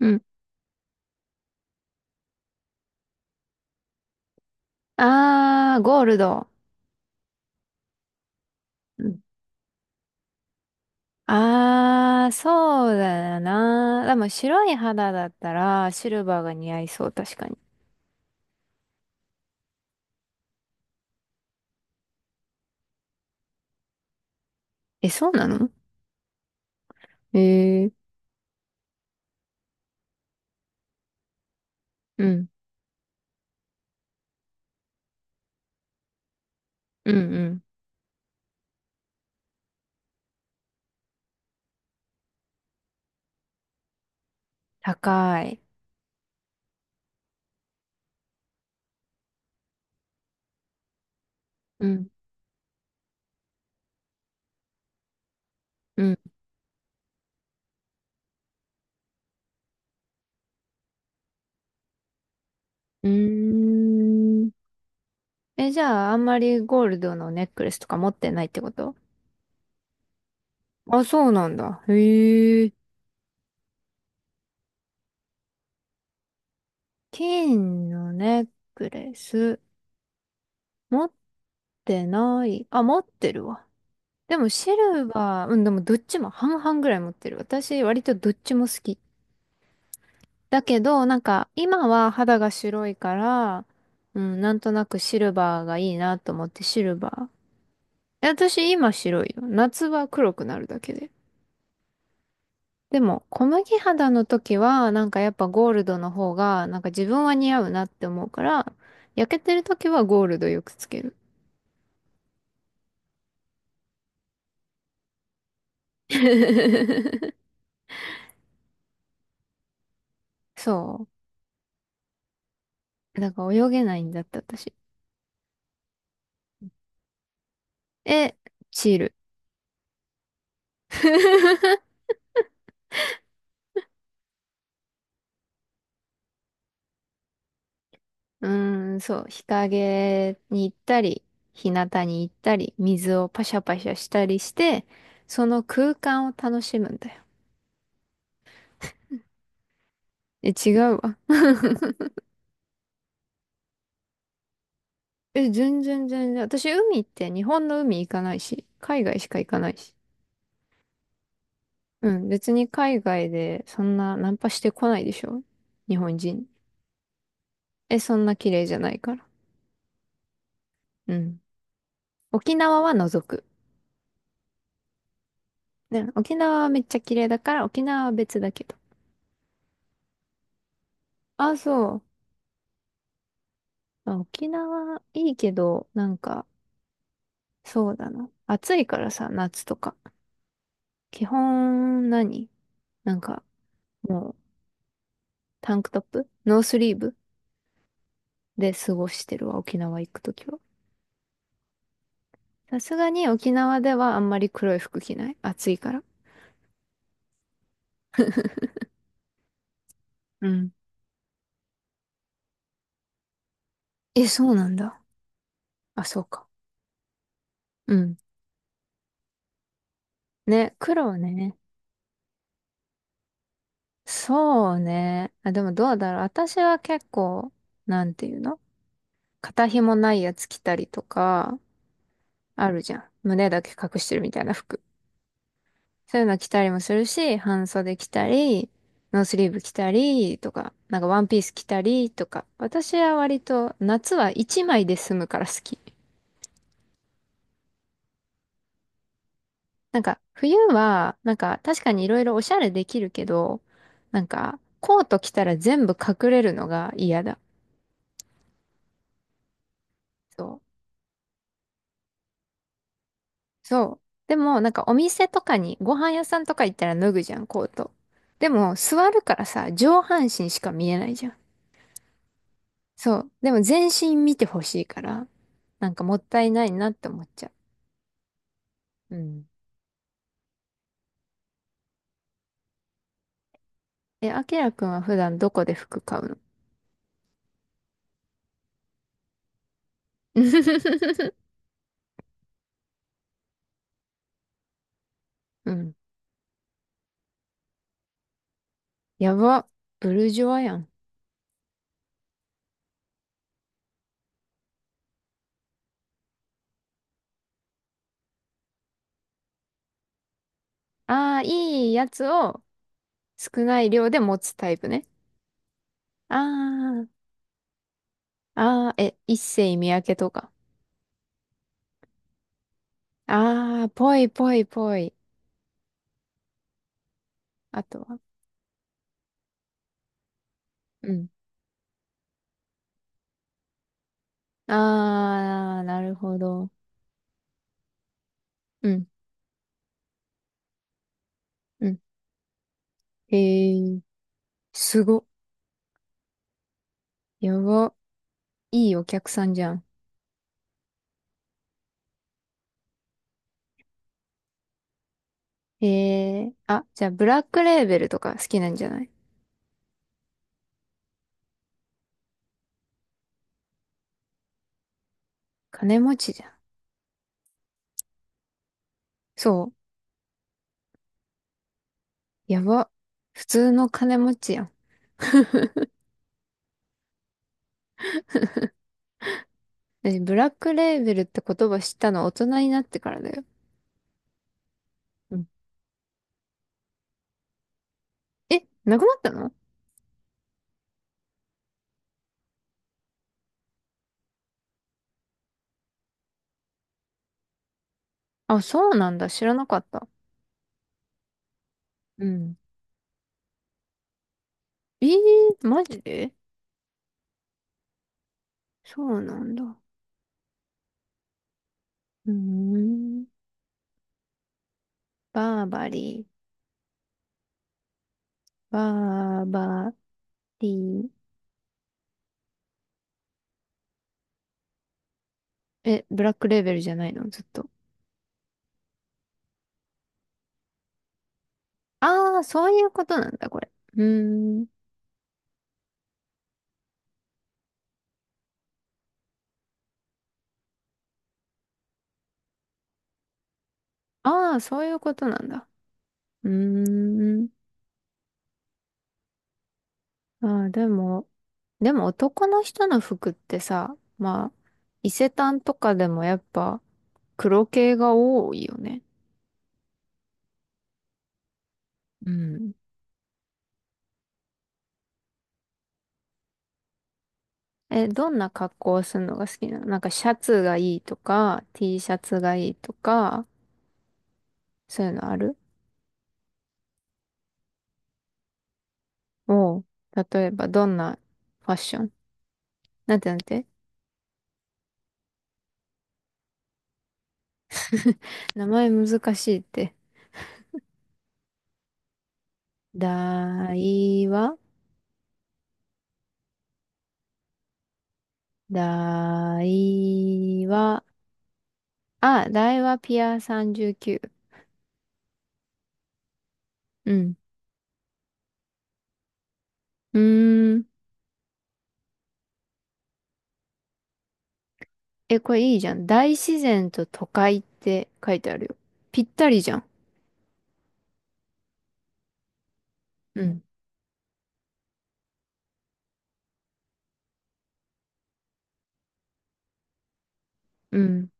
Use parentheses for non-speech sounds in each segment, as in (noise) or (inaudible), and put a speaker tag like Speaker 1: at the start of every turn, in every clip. Speaker 1: うん。あー、ゴールド。うん。あー、そうだな。でも白い肌だったらシルバーが似合いそう、確かに。え、そうなの？えー、うん、うん、うん。高い。うん、うん。うーん。え、じゃあ、あんまりゴールドのネックレスとか持ってないってこと？あ、そうなんだ。へえ。金のネックレス、持ってない。あ、持ってるわ。でもシルバー、うん、でもどっちも半々ぐらい持ってる。私割とどっちも好き。だけど、なんか今は肌が白いから、うん、なんとなくシルバーがいいなと思ってシルバー。え、私今白いよ。夏は黒くなるだけで。でも小麦肌の時はなんかやっぱゴールドの方がなんか自分は似合うなって思うから、焼けてる時はゴールドよくつける。(laughs) そう。だから泳げないんだって私。え、チール。(laughs) うーん、そう、日陰に行ったり、日向に行ったり、水をパシャパシャしたりして、その空間を楽しむんだよ。え、違うわ。(laughs) え、全然全然。私、海って日本の海行かないし、海外しか行かないし。うん、別に海外でそんなナンパしてこないでしょ？日本人。え、そんな綺麗じゃないから。うん。沖縄は除く。ね、沖縄はめっちゃ綺麗だから、沖縄は別だけど。あ、そう。まあ沖縄いいけど、なんか、そうだな。暑いからさ、夏とか。基本何、なんか、もう、タンクトップノースリーブで過ごしてるわ、沖縄行くときは。さすがに沖縄ではあんまり黒い服着ない。暑いから。うん。え、そうなんだ。あ、そうか。うん。ね、黒ね。そうね。あ、でもどうだろう。私は結構、なんていうの？肩紐ないやつ着たりとか、あるじゃん。胸だけ隠してるみたいな服。そういうの着たりもするし、半袖着たり、ノースリーブ着たりとか、なんかワンピース着たりとか。私は割と夏は一枚で済むから好き。なんか冬は、なんか確かにいろいろおしゃれできるけど、なんかコート着たら全部隠れるのが嫌だ。そう。そう。でもなんかお店とかに、ご飯屋さんとか行ったら脱ぐじゃん、コート。でも座るからさ、上半身しか見えないじゃん。そう。でも全身見てほしいから、なんかもったいないなって思っちゃう。うん。え、あきらくんは普段どこで服買うの？ (laughs) うん。やば。ブルジョワやん。ああ、いいやつを少ない量で持つタイプね。ああ、ああ、え、一世三宅とか。ああ、ぽいぽいぽい。あとは。うん。ああ、なるほど。うん、うん。へえ、すご。やば。いいお客さんじゃん。へえ、あ、じゃあ、ブラックレーベルとか好きなんじゃない？金持ちじゃん。そう。やば。普通の金持ちやん。私、ブラックレーベルって言葉知ったの大人になってからだよ。うん、え、なくなったの？あ、そうなんだ。知らなかった。うん。えー、マジで？そうなんだ。うーん。バーバリー。バーバリー。え、ブラックレーベルじゃないの、ずっと？ああ、そういうことなんだ、これ。うーん。ああ、そういうことなんだ。うーん。ああ、でも、でも男の人の服ってさ、まあ、伊勢丹とかでもやっぱ黒系が多いよね。うん。え、どんな格好をするのが好きなの？なんかシャツがいいとか、T シャツがいいとか、そういうのある？おう。例えばどんなファッション？なんてなんて？ (laughs) 名前難しいって。だいわ、だいわ、あ、大和ピア39。うん。うーん。え、これいいじゃん。大自然と都会って書いてあるよ。ぴったりじゃん。うん。うん。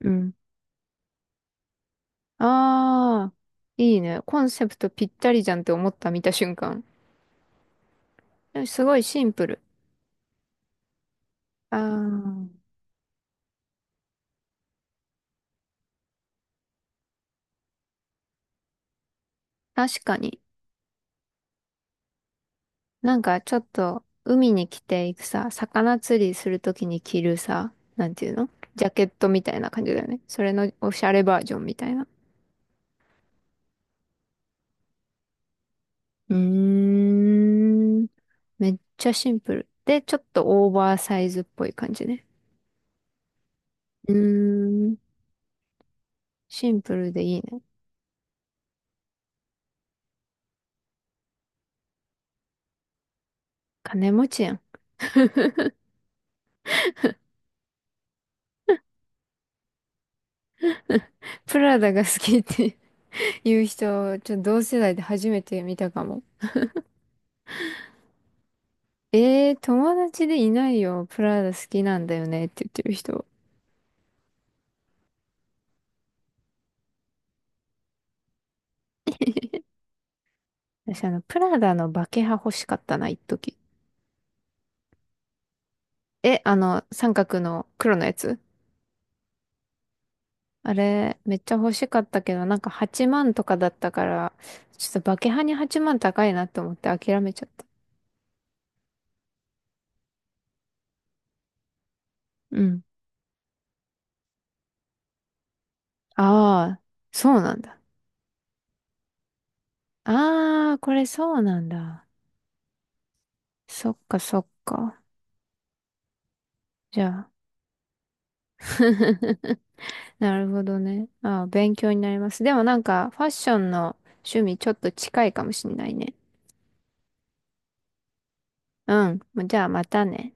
Speaker 1: うん。ああ、いいね。コンセプトぴったりじゃんって思った見た瞬間。すごいシンプル。ああ、確かに。なんかちょっと海に着ていくさ、魚釣りするときに着るさ、なんていうの？ジャケットみたいな感じだよね。それのおしゃれバージョンみたいな。うーん。めっちゃシンプル。で、ちょっとオーバーサイズっぽい感じね。うーん。シンプルでいいね。金持ちやん。プラダが好きって (laughs) いう人、ちょっと同世代で初めて見たかも。えー、友達でいないよ。プラダ好きなんだよねって言ってる人。私、あの、プラダのバケハ欲しかったな、一時。え、あの、三角の黒のやつ？あれ、めっちゃ欲しかったけど、なんか8万とかだったから、ちょっとバケハに8万高いなと思って諦めちゃった。うん。ああ、そうなんだ。ああ、これそうなんだ。そっかそっか。じゃあ。(laughs) なるほどね。ああ、勉強になります。でもなんか、ファッションの趣味ちょっと近いかもしんないね。うん。じゃあまたね。